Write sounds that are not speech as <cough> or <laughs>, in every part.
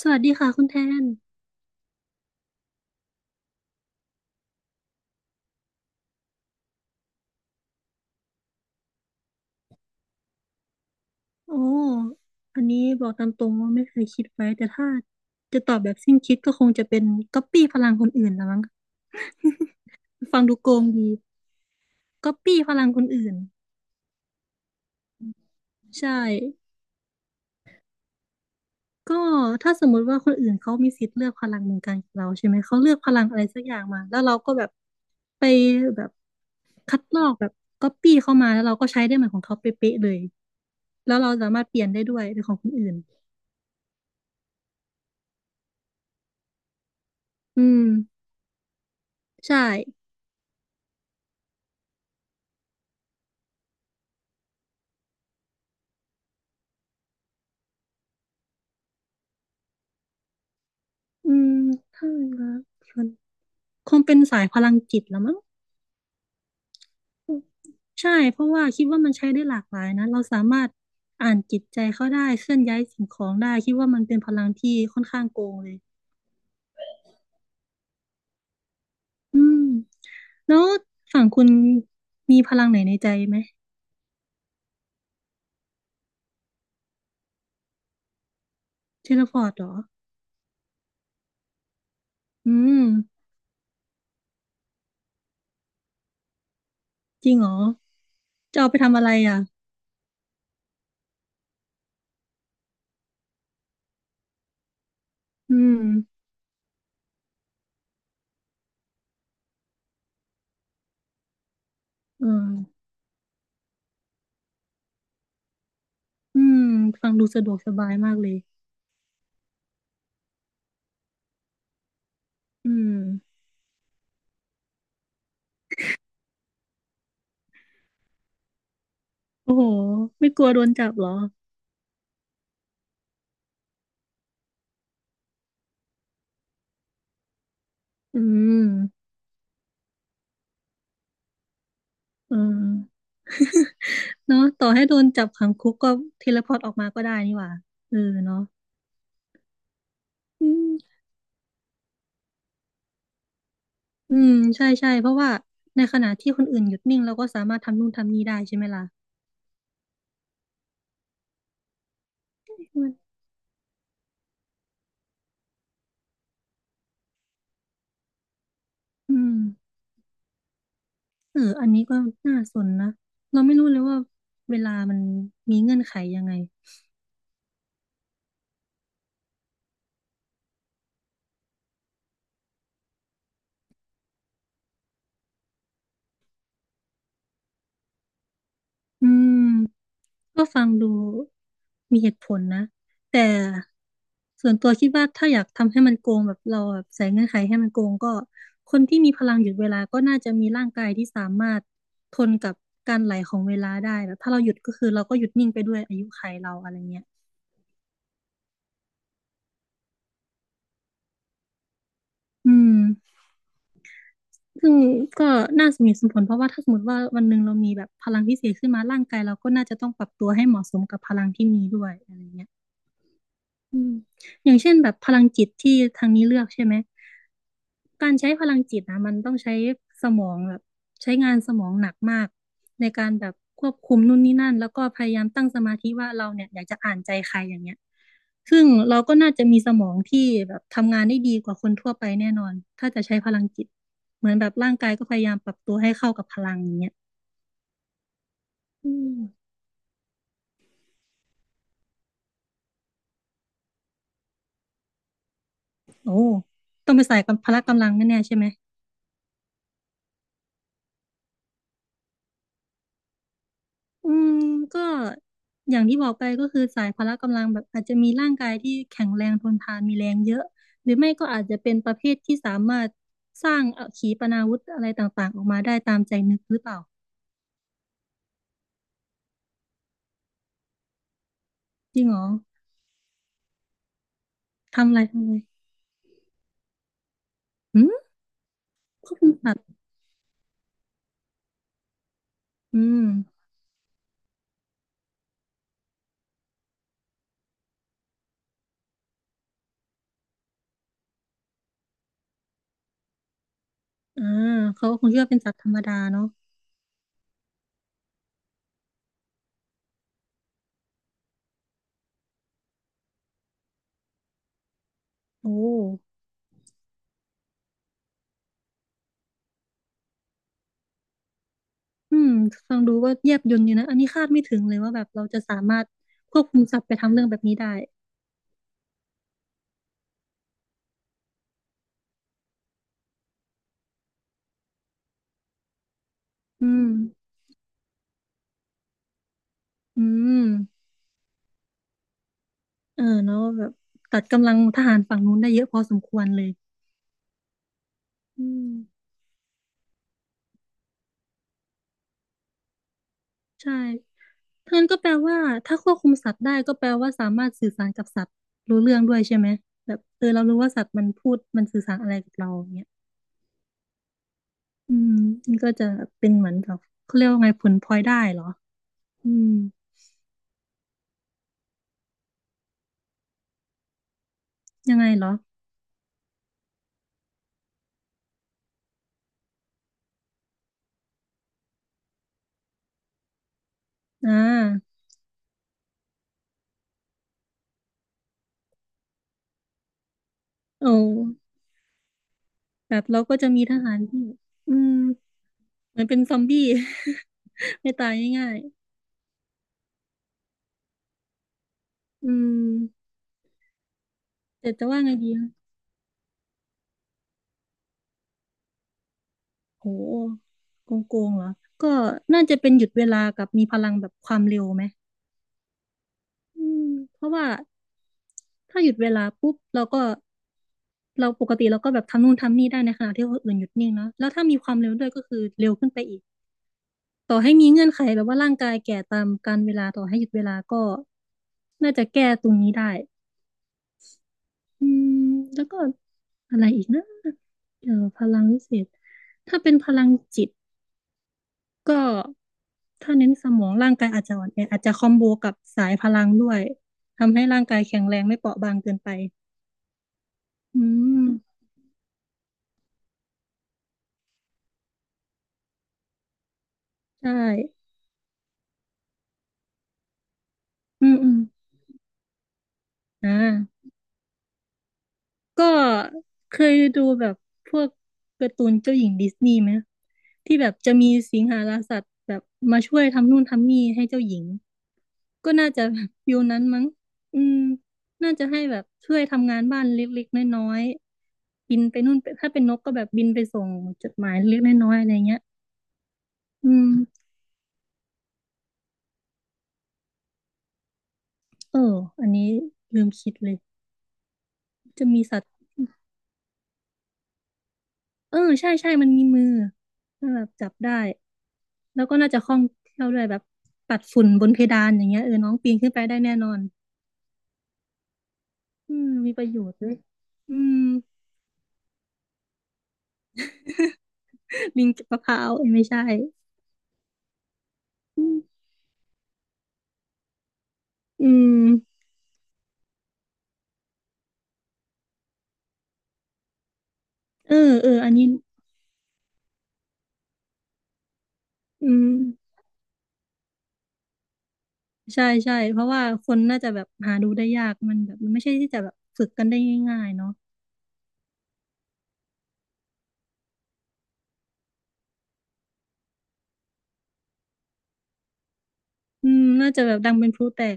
สวัสดีค่ะคุณแทนโอ้อันนี้บอกตามตรงว่าไม่เคยคิดไว้แต่ถ้าจะตอบแบบสิ้นคิดก็คงจะเป็นก๊อปปี้พลังคนอื่นละมั้งฟังดูโกงดีก๊อปปี้พลังคนอื่นใช่ก็ถ้าสมมุติว่าคนอื่นเขามีสิทธิ์เลือกพลังเหมือนกันกับเราใช่ไหมเขาเลือกพลังอะไรสักอย่างมาแล้วเราก็แบบไปแบบคัดลอกแบบก๊อปปี้เข้ามาแล้วเราก็ใช้ได้เหมือนของเขาเป๊ะๆเลยแล้วเราสามารถเปลี่ยนได้ด้วยเป็นของคนอื่นอืมใช่ อืมถ้ารักคนคงเป็นสายพลังจิตละมั้งใช่เพราะว่าคิดว่ามันใช้ได้หลากหลายนะเราสามารถอ่านจิตใจเขาได้เคลื่อนย้ายสิ่งของได้คิดว่ามันเป็นพลังที่ค่อนข้างโกงเลยอืมแล้วฝั่งคุณมีพลังไหนในใจไหมเทเลพอร์ตเหรออืมจริงเหรอจะเอาไปทำอะไรอ่ะอืมเอออืมฟังดูสะดวกสบายมากเลยอืมโอ้โหไม่กลัวโดนจับเหรออืม อืมเนาะต่อให้โดนจับขังคุกก็เทเลพอร์ตออกมาก็ได้นี่หว่าเออเนาะอืมอืมใช่ใช่เพราะว่าในขณะที่คนอื่นหยุดนิ่งเราก็สามารถทำนู่นทำนี่ได้ใช่ไหมล่ะมันอืมเอออันนี้ก็น่าสนนะเราไม่รู้เลยว่าเวลามันมีเงื่อนไขยังไง อืมก็ฟังดูมีเหตุผลนะแต่ส่วนตัวคิดว่าถ้าอยากทำให้มันโกงแบบเราแบบใส่เงื่อนไขให้มันโกงก็คนที่มีพลังหยุดเวลาก็น่าจะมีร่างกายที่สามารถทนกับการไหลของเวลาได้แบบถ้าเราหยุดก็คือเราก็หยุดนิ่งไปด้วยอายุขัยเราอะไรเงี้ยอืมซึ่งก็น่าสมเหตุสมผลเพราะว่าถ้าสมมติว่าวันหนึ่งเรามีแบบพลังพิเศษขึ้นมาร่างกายเราก็น่าจะต้องปรับตัวให้เหมาะสมกับพลังที่มีด้วยอะไรเงี้ย อืมอย่างเช่นแบบพลังจิตที่ทางนี้เลือกใช่ไหมการใช้พลังจิตนะมันต้องใช้สมองแบบใช้งานสมองหนักมากในการแบบควบคุมนู่นนี่นั่นแล้วก็พยายามตั้งสมาธิว่าเราเนี่ยอยากจะอ่านใจใครอย่างเงี้ยซึ่งเราก็น่าจะมีสมองที่แบบทำงานได้ดีกว่าคนทั่วไปแน่นอนถ้าจะใช้พลังจิตเหมือนแบบร่างกายก็พยายามปรับตัวให้เข้ากับพลังอย่างเงี้ยอืมโอ้ต้องไปใส่กับพละกำลังแน่ๆใช่ไหม อืมก็อย่างที่บอกไปก็คือสายพละกำลังแบบอาจจะมีร่างกายที่แข็งแรงทนทานมีแรงเยอะหรือไม่ก็อาจจะเป็นประเภทที่สามารถสร้างขีปนาวุธอะไรต่างๆออกมาได้ตามใจนึกหรือเปล่าจริงเหรอทำอะไรทำอะไรหืมเขาเป็นสัตว์อืมอ่าเขาคงคิดว่าเป็นสัตว์ธรรมดาเนาะโอ้อืมฟังดูก็แยบยลอยู่นะอันนี้คาดไม่ถึงเลยว่าแบบเราจะสามารถควบคุมสัตว์ไปทำเรื่องแบบนี้ได้อืมอืม เออเนาะแบบตัดกำลังทหารฝั่งนู้นได้เยอะพอสมควรเลยอืมใช่ทั้งนั้นก็แปลว่าถ้าควบคุมสัตว์ได้ก็แปลว่าสามารถสื่อสารกับสัตว์รู้เรื่องด้วยใช่ไหมแบบเออเรารู้ว่าสัตว์มันพูดมันสื่อสารอะไรกับเราอย่างเนี่ยอืมนี่ก็จะเป็นเหมือนกับเขาเรียกว่าไงผลพลอยได้เหรออืมยังไงเหรออ่าโอ้แบบเราก็จะมีทหารที่อืมเหมือนเป็นซอมบี้ <laughs> ไม่ตายง่ายๆอืมแต่จะว่าไงดี โหโกงโกงเหรอก็น่าจะเป็นหยุดเวลากับมีพลังแบบความเร็วไหมอืมเพราะว่าถ้าหยุดเวลาปุ๊บเราก็เราปกติเราก็แบบทำนู่นทำนี่ได้ในขณะที่คนอื่นหยุดนิ่งเนาะแล้วถ้ามีความเร็วด้วยก็คือเร็วขึ้นไปอีกต่อให้มีเงื่อนไขแบบว่าร่างกายแก่ตามกาลเวลาต่อให้หยุดเวลาก็น่าจะแก้ตรงนี้ได้อืมแล้วก็อะไรอีกนะพลังวิเศษถ้าเป็นพลังจิต ก็ถ้าเน้นสมองร่างกายอาจจะอ่อนแออาจจะคอมโบกับสายพลังด้วยทำให้ร่างกายแข็งแรงไม่เปราะบางเกินไปอืมใช่อืมอืมอ่า ก็เคยดูแบบพวกการ์ตูนเจ้าหญิงดิสนีย์ไหมที่แบบจะมีสิงหาราสัตว์แบบมาช่วยทำนู่นทำนี่ให้เจ้าหญิงก็น่าจะแบบฟิลนั้นมั้งอืมน่าจะให้แบบช่วยทำงานบ้านเล็กๆน้อยๆบินไปนู่นไปถ้าเป็นนกก็แบบบินไปส่งจดหมายเล็กๆน้อยๆอะไรเงี้ยอืมเอออันนี้ลืมคิดเลยจะมีสัตว์เออใช่ใช่มันมีมือแล้วแบบจับได้ แล้วก็น่าจะคล่องแคล่วด้วยแบบปัดฝุ่นบนเพดานอย่างเงี้ยเออน้องปีนขึ้นไปได้แน่นอนอืมมีประโยชน์ด้วยอืมลิงก็บมะพร้าวเอ้ยไม่ใช่อืมอืมเออเอออันนี้อืมใช่ใช่เพราะว่าคนน่าจะแบบหาดูได้ยากมันแบบมันไม่ใช่ที่จะแบบฝึกกันได้ง่ายๆเนาะอืมน่าจะแบบดังเป็นพลุแตก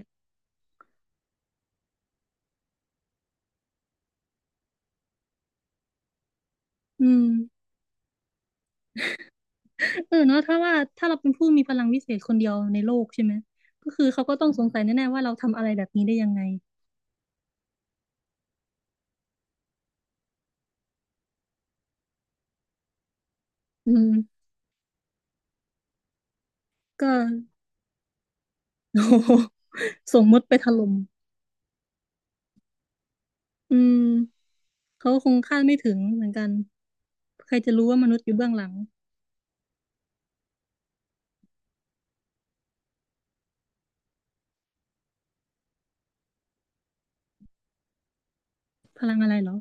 อืมเออเนาะถ้าว่าถ้าเราเป็นผู้มีพลังวิเศษคนเดียวในโลกใช่ไหมก็คือเขาก็ต้องสงสัยแน่ๆว่าเราทำอะไรแบบนี้ได้ยังไงอืมก็ <laughs> โอ้โหส่งมดไปถล่มอืมเขาคงคาดไม่ถึงเหมือนกันใครจะรู้ว่ามนุษย์อยู่เบื้องหลังพลังอะไรเหรอ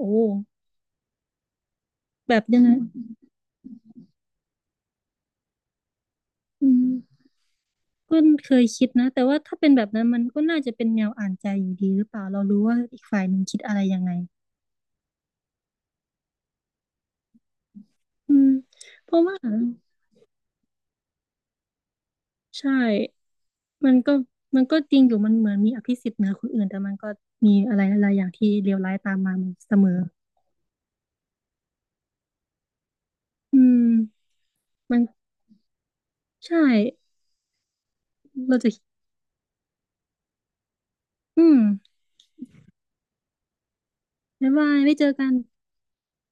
โอ้แบบยังไงอืมก็เคยคิดนะแต่ว่าถ้าเป็นแบบนั้นมันก็น่าจะเป็นแนวอ่านใจอยู่ดีหรือเปล่าเรารู้ว่าอีกฝ่ายหนึ่งคิดอะไรยังไงอืมเพราะว่าใช่มันก็มันก็จริงอยู่มันเหมือนมีอภิสิทธิ์เหนือคนอื่นแต่มันก็มีอะไรหลายๆอย่างที่เลวร้ายตามมาเสมออืมมันใช่เราจะอืม บ๊ายบายไม่เจอกัน